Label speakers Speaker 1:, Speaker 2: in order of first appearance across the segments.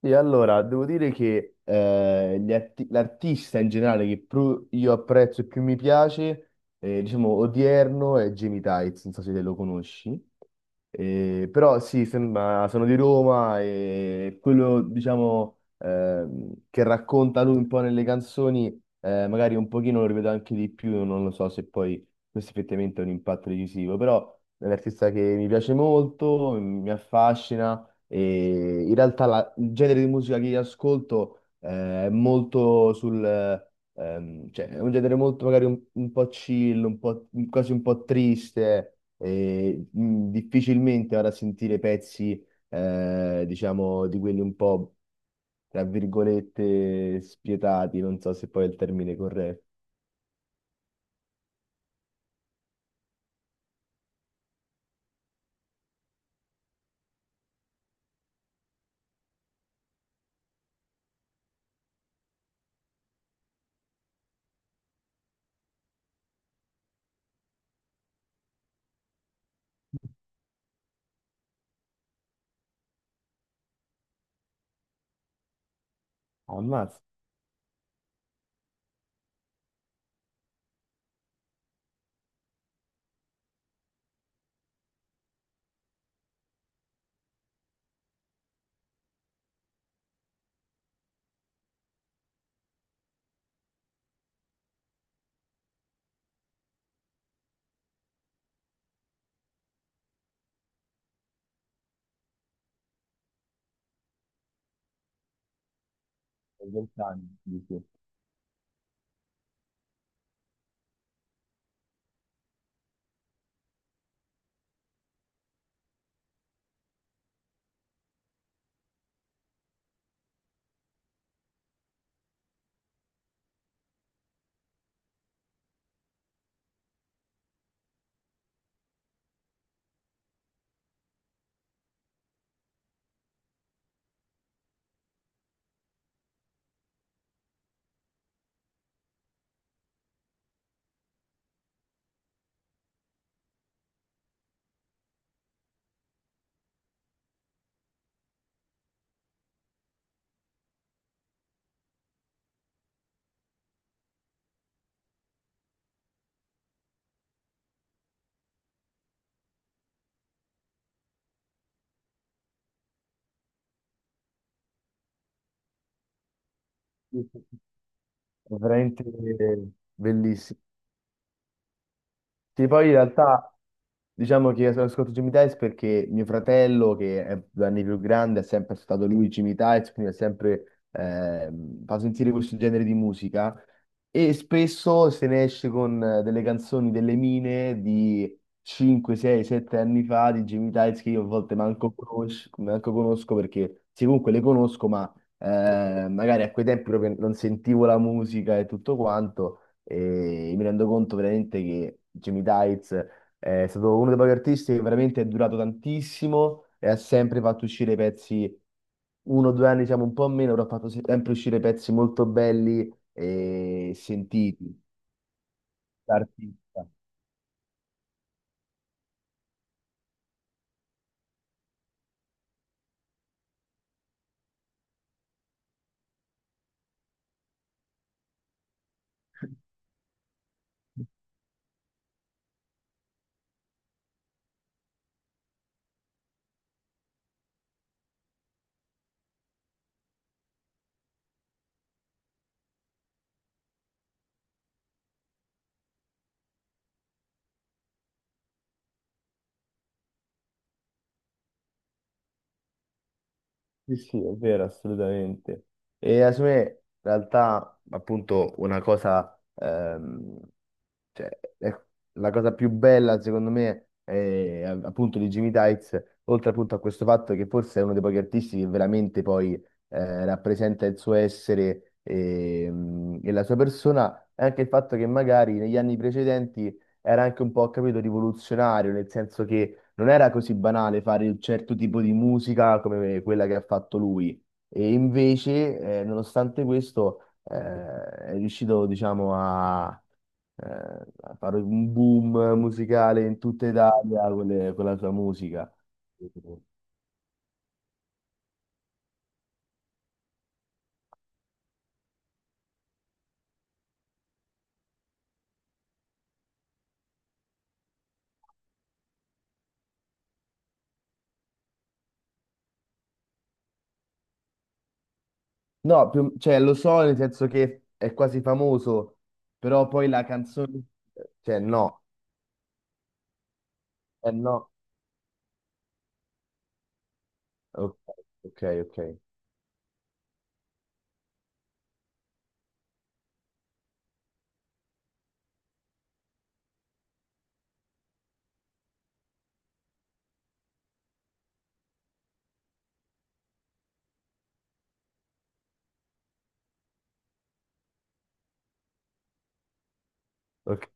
Speaker 1: E allora, devo dire che l'artista in generale che più io apprezzo e più mi piace, diciamo, odierno è Jamie Tights, non so se te lo conosci. Però sì, sono di Roma e quello, diciamo, che racconta lui un po' nelle canzoni, magari un pochino lo rivedo anche di più, non lo so se poi questo effettivamente ha un impatto decisivo, però è un artista che mi piace molto, mi affascina e in realtà il genere di musica che io ascolto, è molto sul... cioè, è un genere molto magari un po' chill, un po', quasi un po' triste e, difficilmente ora sentire pezzi, diciamo, di quelli un po', tra virgolette, spietati, non so se poi è il termine corretto. Ammazza, 20 anni, sì, sì. È veramente bellissimo. Sì, poi in realtà diciamo che ascolto Jimmy Tice perché mio fratello, che è 2 anni più grande, è sempre stato lui Jimmy Tice, quindi è sempre fa sentire questo genere di musica e spesso se ne esce con delle canzoni delle mine di 5, 6, 7 anni fa di Jimmy Tice che io a volte manco conosco perché sì, comunque le conosco, ma magari a quei tempi proprio non sentivo la musica e tutto quanto e mi rendo conto veramente che Jimmy Tights è stato uno dei pochi artisti che veramente è durato tantissimo e ha sempre fatto uscire pezzi 1 o 2 anni siamo un po' meno, però ha fatto sempre uscire pezzi molto belli e sentiti da artista. Sì, sì, è vero, assolutamente. E secondo me, in realtà, appunto, una cosa cioè, ecco, la cosa più bella, secondo me, è appunto di Jimmy Tykes, oltre appunto a questo fatto che forse è uno dei pochi artisti che veramente poi rappresenta il suo essere e la sua persona, è anche il fatto che magari negli anni precedenti era anche un po', capito, rivoluzionario, nel senso che non era così banale fare un certo tipo di musica come quella che ha fatto lui. E invece, nonostante questo, è riuscito, diciamo, a eh, fare un boom musicale in tutta Italia con, con la sua musica. No, cioè, lo so nel senso che è quasi famoso, però poi la canzone... Cioè, no, eh no. Ok, ok, ok. Ok.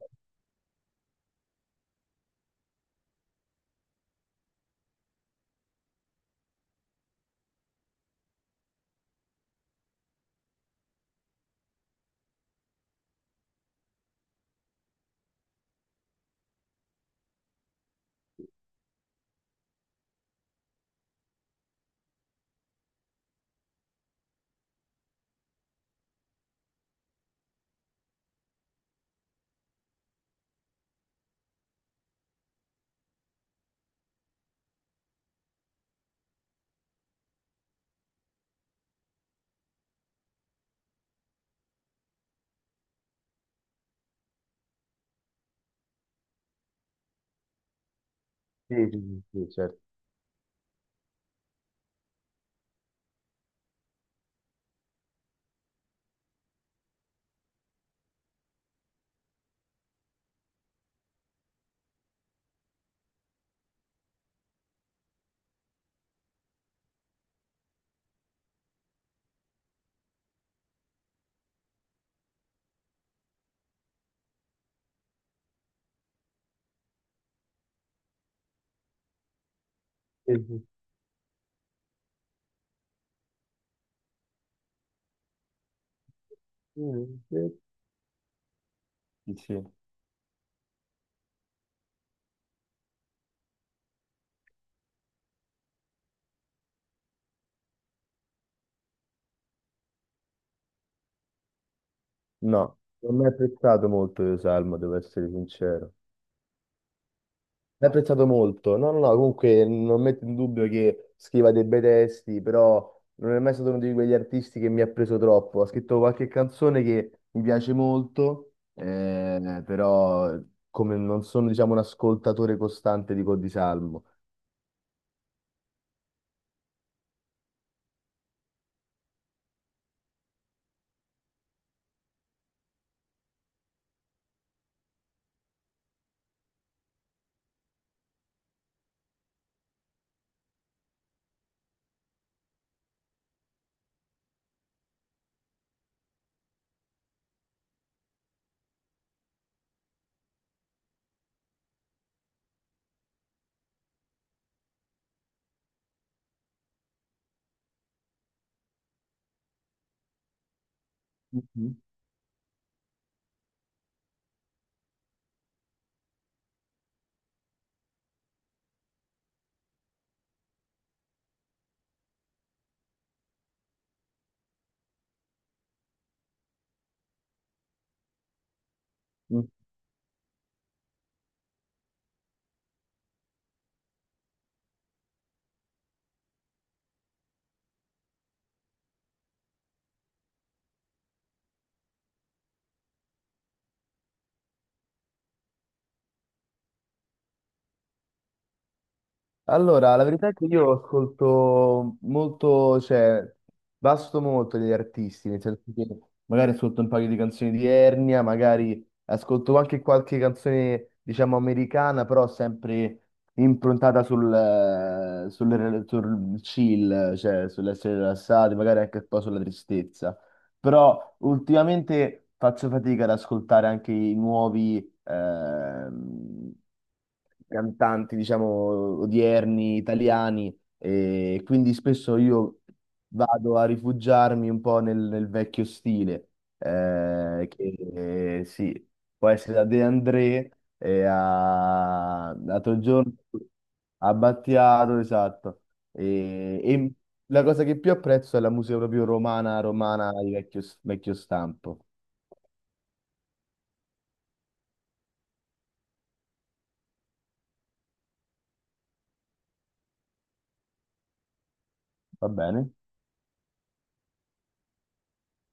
Speaker 1: Sì, sì, sì, sì, certo. Sì, sì, sì, sì. Sì, sì. No, non mi è apprezzato molto io Salmo, devo essere sincero. L'ho apprezzato molto. No, no, no, comunque non metto in dubbio che scriva dei bei testi, però non è mai stato uno di quegli artisti che mi ha preso troppo. Ha scritto qualche canzone che mi piace molto, però come non sono, diciamo, un ascoltatore costante di Codi Salmo. Mhm. Allora, la verità è che io ascolto molto, cioè, vasto molto degli artisti, nel senso che magari ascolto un paio di canzoni di Ernia, magari ascolto anche qualche canzone, diciamo, americana, però sempre improntata sul chill, cioè sull'essere rilassati, magari anche un po' sulla tristezza. Però ultimamente faccio fatica ad ascoltare anche i nuovi... cantanti, diciamo, odierni, italiani, e quindi spesso io vado a rifugiarmi un po' nel vecchio stile, che sì, può essere da De André e a... l'altro giorno a Battiato, esatto. E la cosa che più apprezzo è la musica proprio romana, romana di vecchio, vecchio stampo. Va bene?